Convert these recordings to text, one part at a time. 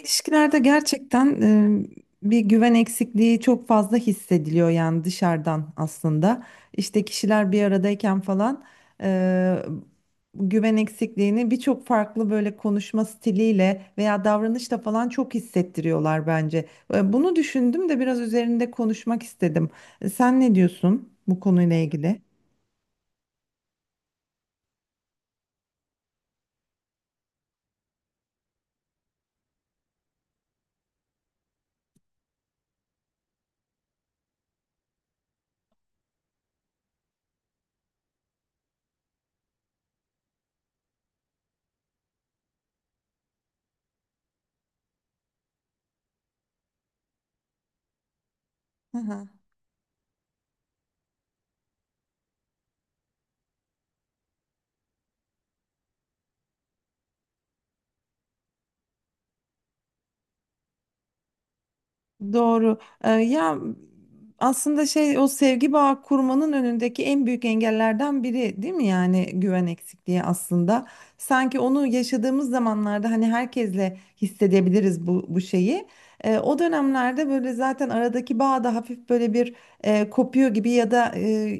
İlişkilerde gerçekten e, bir güven eksikliği çok fazla hissediliyor yani dışarıdan aslında. İşte kişiler bir aradayken falan e, güven eksikliğini birçok farklı böyle konuşma stiliyle veya davranışla falan çok hissettiriyorlar bence. Bunu düşündüm de biraz üzerinde konuşmak istedim. Sen ne diyorsun bu konuyla ilgili? Hı hı. Doğru. Ya aslında şey o sevgi bağı kurmanın önündeki en büyük engellerden biri değil mi yani güven eksikliği aslında. Sanki onu yaşadığımız zamanlarda hani herkesle hissedebiliriz bu şeyi. O dönemlerde böyle zaten aradaki bağ da hafif böyle bir kopuyor gibi ya da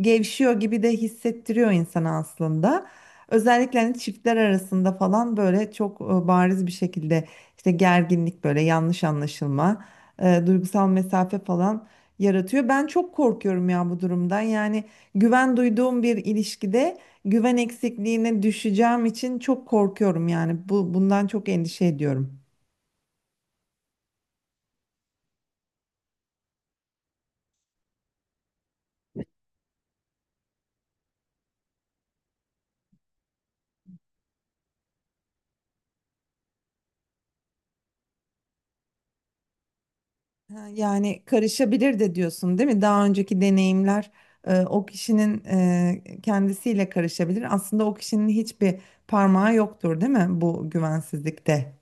gevşiyor gibi de hissettiriyor insana aslında. Özellikle hani çiftler arasında falan böyle çok bariz bir şekilde işte gerginlik böyle yanlış anlaşılma duygusal mesafe falan yaratıyor. Ben çok korkuyorum ya bu durumdan. Yani güven duyduğum bir ilişkide güven eksikliğine düşeceğim için çok korkuyorum yani. Bundan çok endişe ediyorum. Ha, yani karışabilir de diyorsun değil mi? Daha önceki deneyimler o kişinin kendisiyle karışabilir. Aslında o kişinin hiçbir parmağı yoktur değil mi bu güvensizlikte?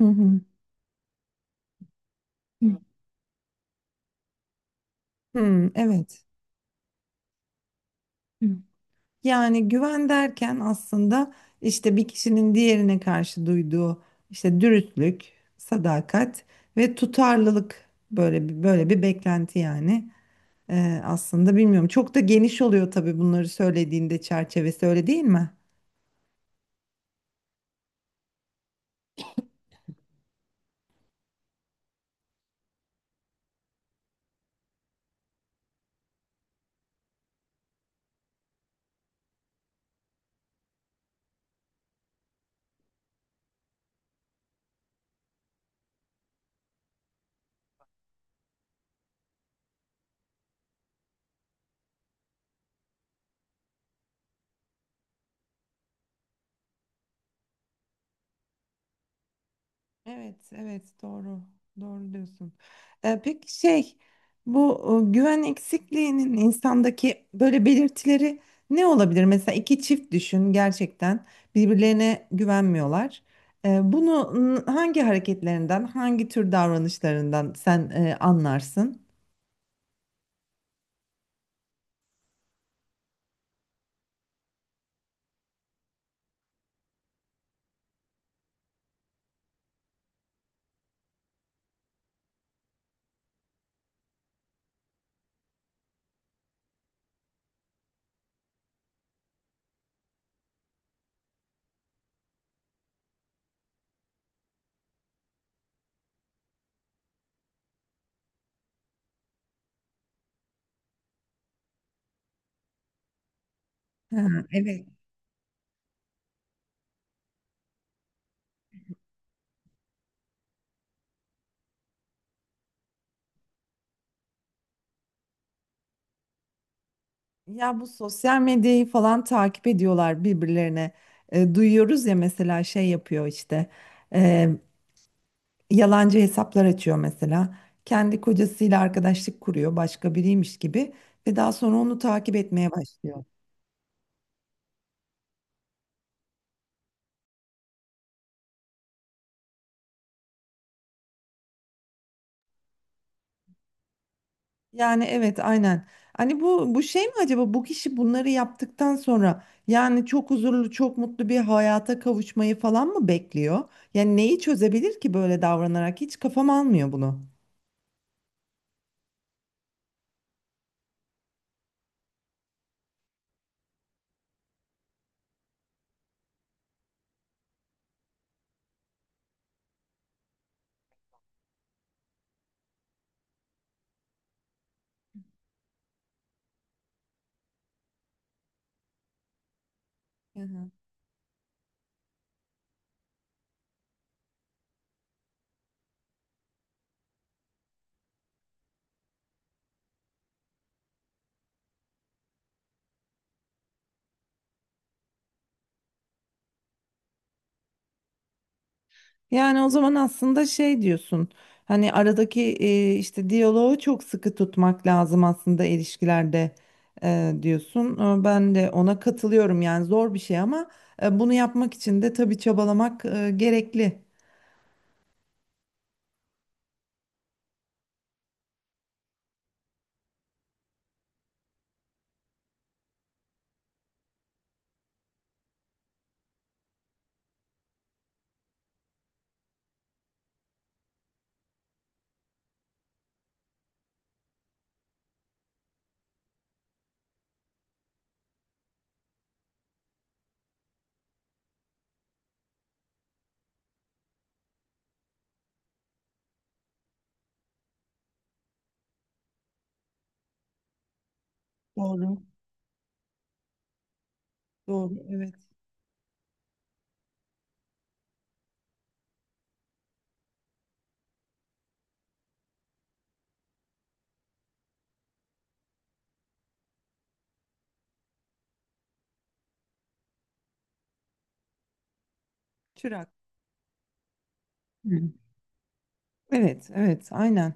Hı hı. Hmm, evet. Yani güven derken aslında işte bir kişinin diğerine karşı duyduğu işte dürüstlük, sadakat ve tutarlılık böyle bir, böyle bir beklenti yani. Aslında bilmiyorum çok da geniş oluyor tabii bunları söylediğinde çerçevesi öyle değil mi? Evet, evet doğru. Doğru diyorsun. Peki şey bu güven eksikliğinin insandaki böyle belirtileri ne olabilir? Mesela iki çift düşün gerçekten birbirlerine güvenmiyorlar. Bunu hangi hareketlerinden, hangi tür davranışlarından sen anlarsın? Ha, evet. Ya bu sosyal medyayı falan takip ediyorlar birbirlerine. E, duyuyoruz ya mesela şey yapıyor işte. Yalancı hesaplar açıyor mesela. Kendi kocasıyla arkadaşlık kuruyor, başka biriymiş gibi ve daha sonra onu takip etmeye başlıyor. Yani evet aynen. Hani bu şey mi acaba bu kişi bunları yaptıktan sonra yani çok huzurlu, çok mutlu bir hayata kavuşmayı falan mı bekliyor? Yani neyi çözebilir ki böyle davranarak? Hiç kafam almıyor bunu. Hı hı. Yani o zaman aslında şey diyorsun. Hani aradaki işte diyaloğu çok sıkı tutmak lazım aslında ilişkilerde diyorsun. E, ben de ona katılıyorum. Yani zor bir şey ama bunu yapmak için de tabii çabalamak gerekli. Doğru. Doğru. Evet. Çırak. Hı. Evet, evet, aynen.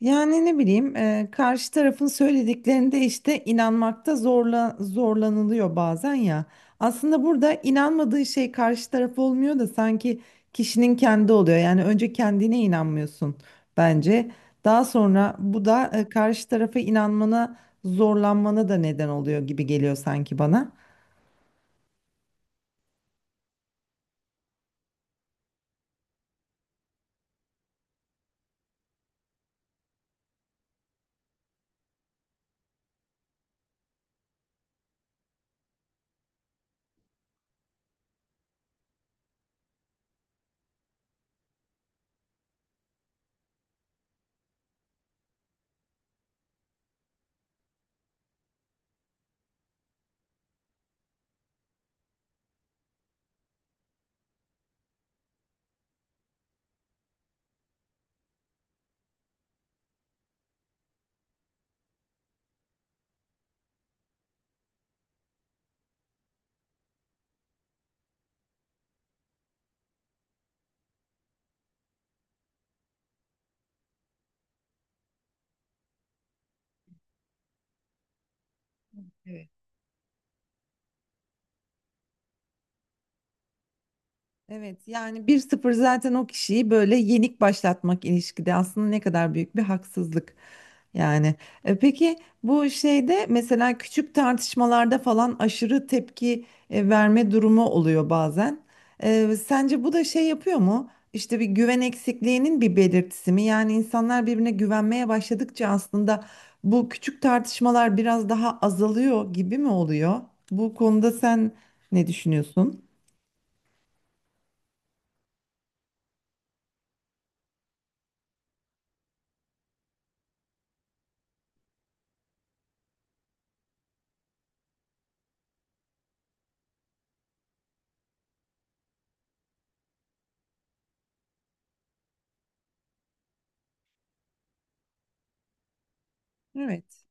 Yani ne bileyim karşı tarafın söylediklerinde işte inanmakta zorlanılıyor bazen ya. Aslında burada inanmadığı şey karşı taraf olmuyor da sanki kişinin kendi oluyor. Yani önce kendine inanmıyorsun bence. Daha sonra bu da karşı tarafa inanmana zorlanmana da neden oluyor gibi geliyor sanki bana. Evet yani bir sıfır zaten o kişiyi böyle yenik başlatmak ilişkide aslında ne kadar büyük bir haksızlık. Yani peki bu şeyde mesela küçük tartışmalarda falan aşırı tepki verme durumu oluyor bazen. E, sence bu da şey yapıyor mu? İşte bir güven eksikliğinin bir belirtisi mi? Yani insanlar birbirine güvenmeye başladıkça aslında bu küçük tartışmalar biraz daha azalıyor gibi mi oluyor? Bu konuda sen ne düşünüyorsun? Evet.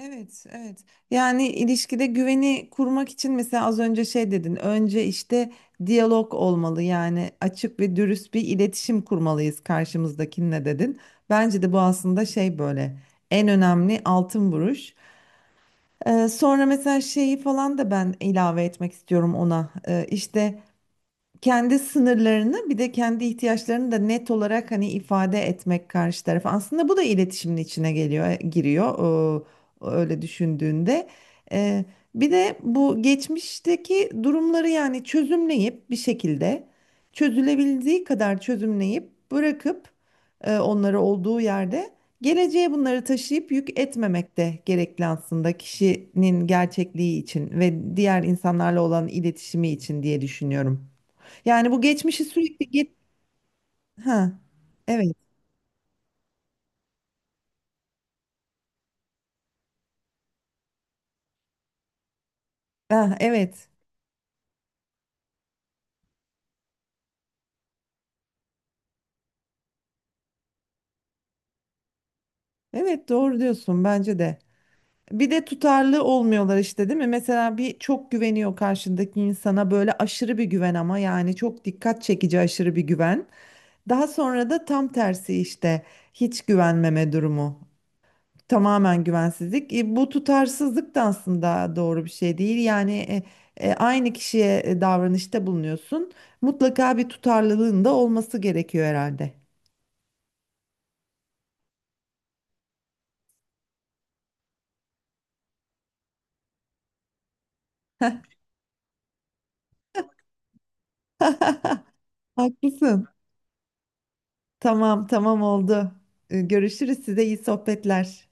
Evet, evet. Yani ilişkide güveni kurmak için mesela az önce şey dedin. Önce işte diyalog olmalı. Yani açık ve dürüst bir iletişim kurmalıyız karşımızdakinle dedin. Bence de bu aslında şey böyle en önemli altın vuruş. Sonra mesela şeyi falan da ben ilave etmek istiyorum ona. İşte kendi sınırlarını bir de kendi ihtiyaçlarını da net olarak hani ifade etmek karşı tarafa. Aslında bu da iletişimin içine geliyor, giriyor. Öyle düşündüğünde. Ee, bir de bu geçmişteki durumları yani çözümleyip bir şekilde çözülebildiği kadar çözümleyip bırakıp onları olduğu yerde geleceğe bunları taşıyıp yük etmemek de gerekli aslında kişinin gerçekliği için ve diğer insanlarla olan iletişimi için diye düşünüyorum. Yani bu geçmişi sürekli git. Ha, evet. Ha, evet. Evet doğru diyorsun bence de. Bir de tutarlı olmuyorlar işte değil mi? Mesela bir çok güveniyor karşındaki insana böyle aşırı bir güven ama yani çok dikkat çekici aşırı bir güven. Daha sonra da tam tersi işte hiç güvenmeme durumu. Tamamen güvensizlik. E, bu tutarsızlık da aslında doğru bir şey değil. Yani aynı kişiye davranışta bulunuyorsun. Mutlaka bir tutarlılığın da olması gerekiyor herhalde. Haklısın. Tamam, tamam oldu. Görüşürüz. Size iyi sohbetler.